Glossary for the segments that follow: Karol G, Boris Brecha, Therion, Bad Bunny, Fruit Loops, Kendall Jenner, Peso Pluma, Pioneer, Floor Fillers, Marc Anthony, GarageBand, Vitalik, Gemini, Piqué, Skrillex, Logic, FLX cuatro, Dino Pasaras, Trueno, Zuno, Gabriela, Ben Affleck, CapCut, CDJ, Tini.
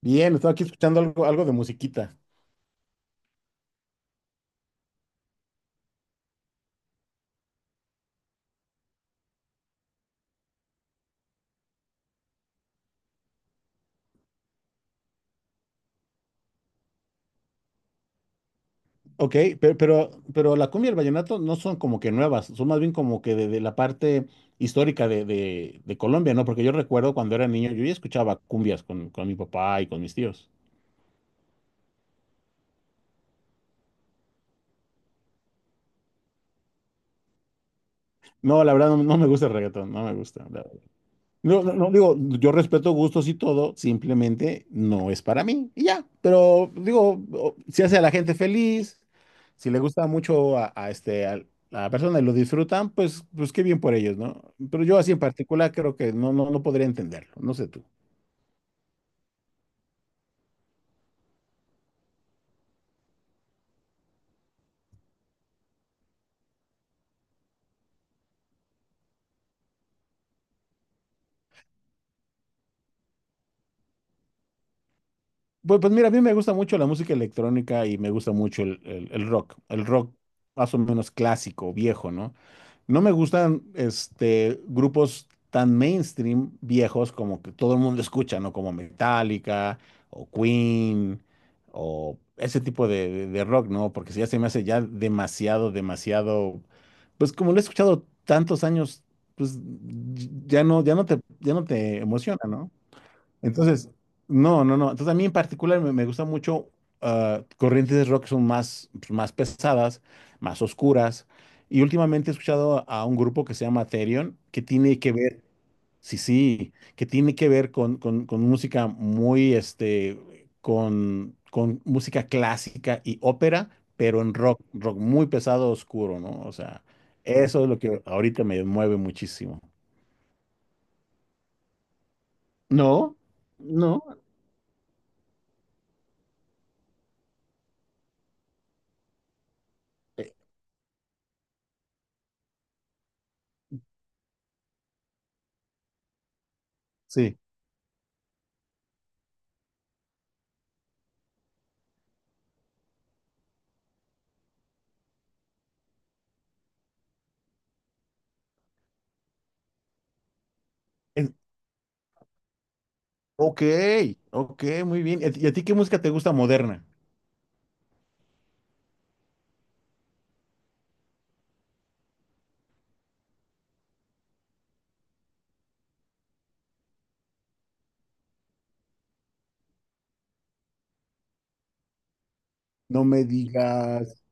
Bien, estaba aquí escuchando algo de musiquita. Ok, pero la cumbia y el vallenato no son como que nuevas, son más bien como que de la parte histórica de Colombia, ¿no? Porque yo recuerdo cuando era niño, yo ya escuchaba cumbias con mi papá y con mis tíos. No, la verdad no me gusta el reggaetón, no me gusta. No, no, no, digo, yo respeto gustos y todo, simplemente no es para mí y ya. Pero digo, si hace a la gente feliz, si le gusta mucho a a la persona y lo disfrutan, pues qué bien por ellos, ¿no? Pero yo así en particular creo que no, no, no podría entenderlo. No sé tú. Pues mira, a mí me gusta mucho la música electrónica y me gusta mucho el rock, el rock más o menos clásico, viejo, ¿no? No me gustan grupos tan mainstream viejos como que todo el mundo escucha, ¿no? Como Metallica o Queen o ese tipo de rock, ¿no? Porque si ya se me hace ya demasiado, demasiado, pues como lo he escuchado tantos años, pues ya no, ya no te emociona, ¿no? Entonces, no, no, no. Entonces, a mí en particular me gusta mucho corrientes de rock que son más, pues, más pesadas, más oscuras. Y últimamente he escuchado a un grupo que se llama Therion, que tiene que ver, sí, sí, que tiene que ver con música muy, con música clásica y ópera, pero en rock, rock muy pesado, oscuro, ¿no? O sea, eso es lo que ahorita me mueve muchísimo. No, no, eh, sí. Ok, ok, muy bien. ¿Y a ti qué música te gusta moderna? No me digas.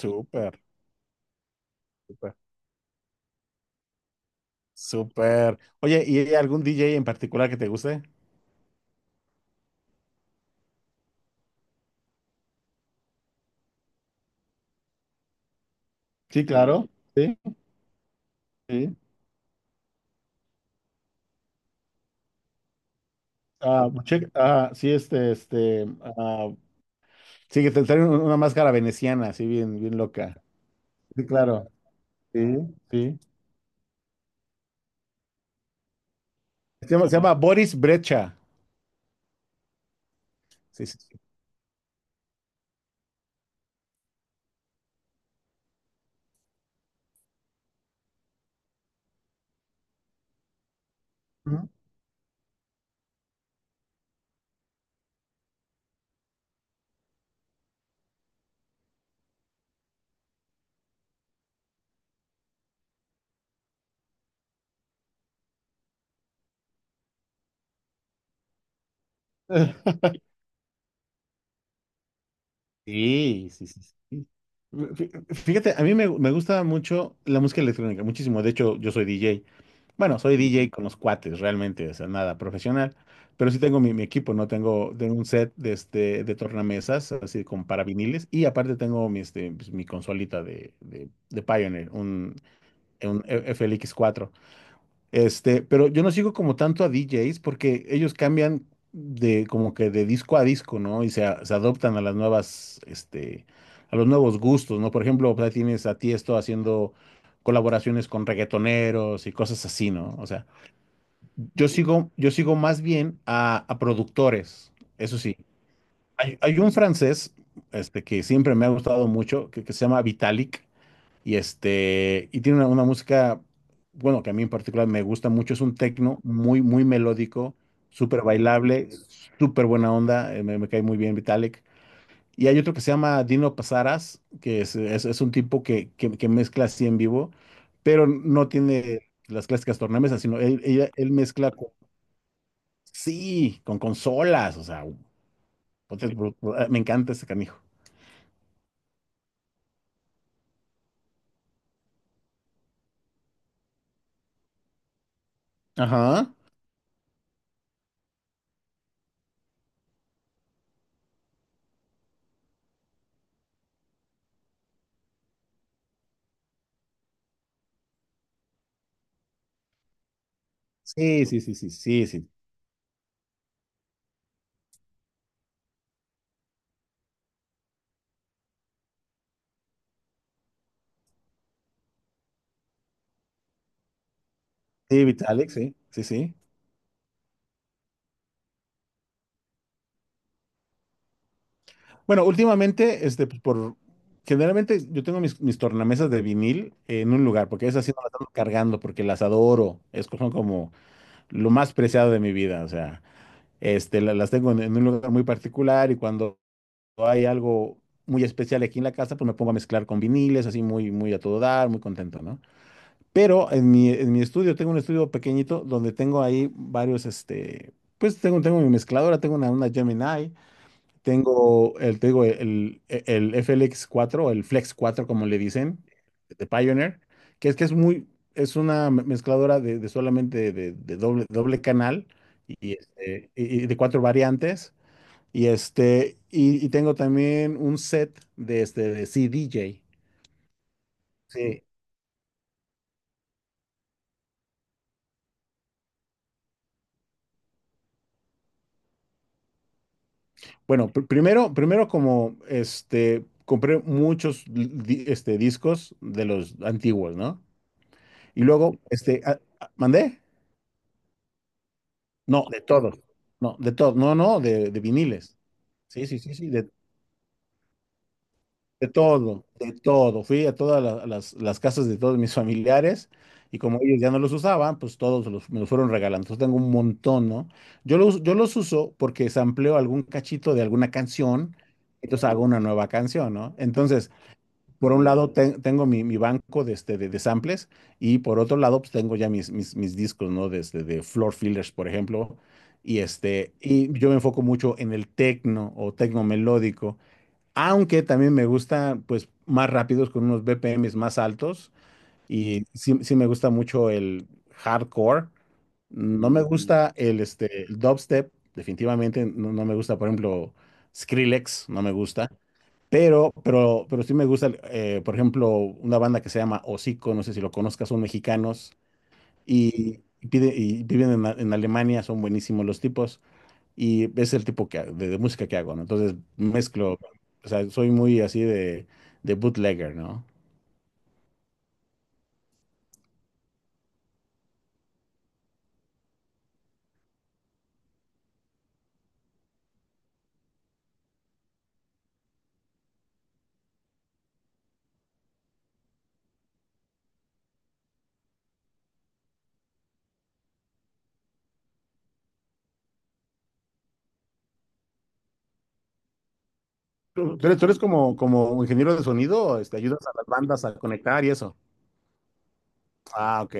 Súper, súper, súper. Oye, ¿y hay algún DJ en particular que te guste? Sí, claro. Sí, sí. Ah, sí, este. ah, Sí, que te trae una máscara veneciana, así bien, bien loca. Sí, claro. Sí, sí. Se llama Boris Brecha. Sí, sí, sí. Ujú. Sí, sí, sí. Sí. Fíjate, a mí me gusta mucho la música electrónica, muchísimo. De hecho, yo soy DJ. Bueno, soy DJ con los cuates, realmente, o sea, nada profesional. Pero sí tengo mi equipo, ¿no? Tengo un set de, de tornamesas, así con para viniles. Y aparte tengo mi, mi consolita de Pioneer, un FLX4. Pero yo no sigo como tanto a DJs porque ellos cambian de como que de disco a disco, ¿no? Y se adoptan a las nuevas, a los nuevos gustos, ¿no? Por ejemplo, pues, ahí tienes a Tiesto haciendo colaboraciones con reggaetoneros y cosas así, ¿no? O sea, yo sigo más bien a productores, eso sí. Hay un francés, que siempre me ha gustado mucho, que se llama Vitalik. Y tiene una música, bueno, que a mí en particular me gusta mucho, es un tecno muy, muy melódico, súper bailable, súper buena onda, me cae muy bien Vitalik. Y hay otro que se llama Dino Pasaras, que es un tipo que, que mezcla así en vivo, pero no tiene las clásicas tornamesas, sino él mezcla con, sí, con consolas, o sea, puta, es me encanta ese canijo. Ajá. Sí, sí, sí, sí, sí, sí. Sí, Vitalik, sí, sí, sí. Bueno, últimamente, este, pues, por generalmente yo tengo mis tornamesas de vinil en un lugar, porque esas sí no las ando cargando, porque las adoro, es como lo más preciado de mi vida, o sea, las tengo en un lugar muy particular y cuando hay algo muy especial aquí en la casa, pues me pongo a mezclar con viniles, así muy, muy a todo dar, muy contento, ¿no? Pero en mi estudio, tengo un estudio pequeñito donde tengo ahí varios, tengo mi mezcladora, tengo una Gemini, tengo te digo, el FLX4 o el Flex cuatro como le dicen, de Pioneer, que es muy, es una mezcladora de solamente de doble, doble canal y, y de cuatro variantes. Y tengo también un set de CDJ. Sí. Bueno, primero, primero como compré muchos discos de los antiguos, ¿no? Y luego, ¿mandé? No, de todo. No, de todo. No, no, de viniles. Sí, sí, sí, sí, de todo, de todo. Fui a todas las casas de todos mis familiares y como ellos ya no los usaban, pues me los fueron regalando. Entonces tengo un montón, ¿no? Yo los uso porque sampleo algún cachito de alguna canción, entonces hago una nueva canción, ¿no? Entonces, por un lado tengo mi banco de, de samples y por otro lado pues, tengo ya mis discos, ¿no? Desde de Floor Fillers, por ejemplo. Y, y yo me enfoco mucho en el tecno o tecno melódico, aunque también me gusta pues más rápidos con unos BPMs más altos y sí, sí me gusta mucho el hardcore. No me gusta el dubstep, definitivamente no me gusta, por ejemplo, Skrillex, no me gusta. Pero sí me gusta, por ejemplo, una banda que se llama Hocico, no sé si lo conozcas, son mexicanos y, y viven en Alemania, son buenísimos los tipos y es el tipo que, de música que hago, ¿no? Entonces mezclo, o sea, soy muy así de bootlegger, ¿no? ¿Tú eres como ingeniero de sonido? ¿Ayudas a las bandas a conectar y eso? Ah, ok.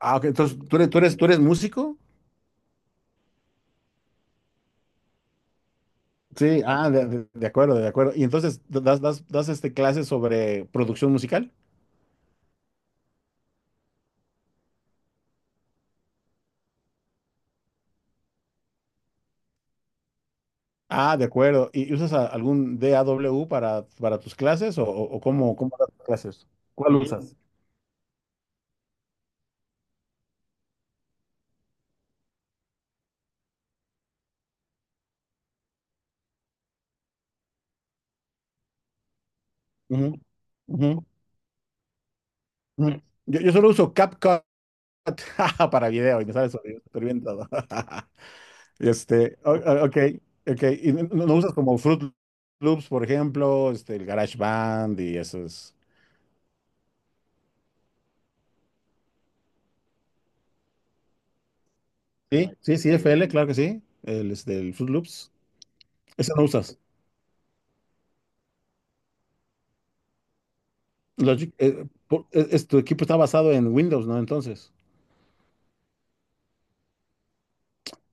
Ah, ok. Entonces, ¿tú eres músico? Sí, de acuerdo, de acuerdo. Y entonces, ¿das clases sobre producción musical? Ah, de acuerdo. ¿Y usas algún DAW para tus clases o, o cómo das tus clases? ¿Cuál usas? Ujú, ujú, ujú. Yo solo uso CapCut para video y me sale súper bien todo. Ok, ok. ¿Y no usas como Fruit Loops, por ejemplo, el GarageBand y esos? Sí, sí, sí, FL, claro que sí. El, el Fruit Loops. Ese no usas. Logic, tu equipo está basado en Windows, ¿no? Entonces,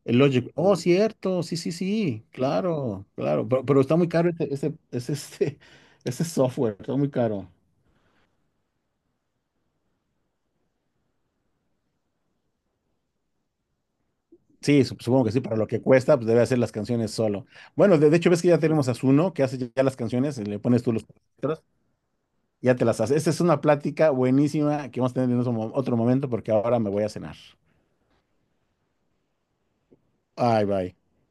el Logic. Oh, cierto, sí, sí, sí, claro, claro. Pero está muy caro ese software, está muy caro. Sí, supongo que sí, para lo que cuesta, pues debe hacer las canciones solo. Bueno, de hecho, ves que ya tenemos a Zuno, que hace ya las canciones, le pones tú los letras, y ya te las hace. Esa es una plática buenísima que vamos a tener en otro otro momento, porque ahora me voy a cenar. Bye bye.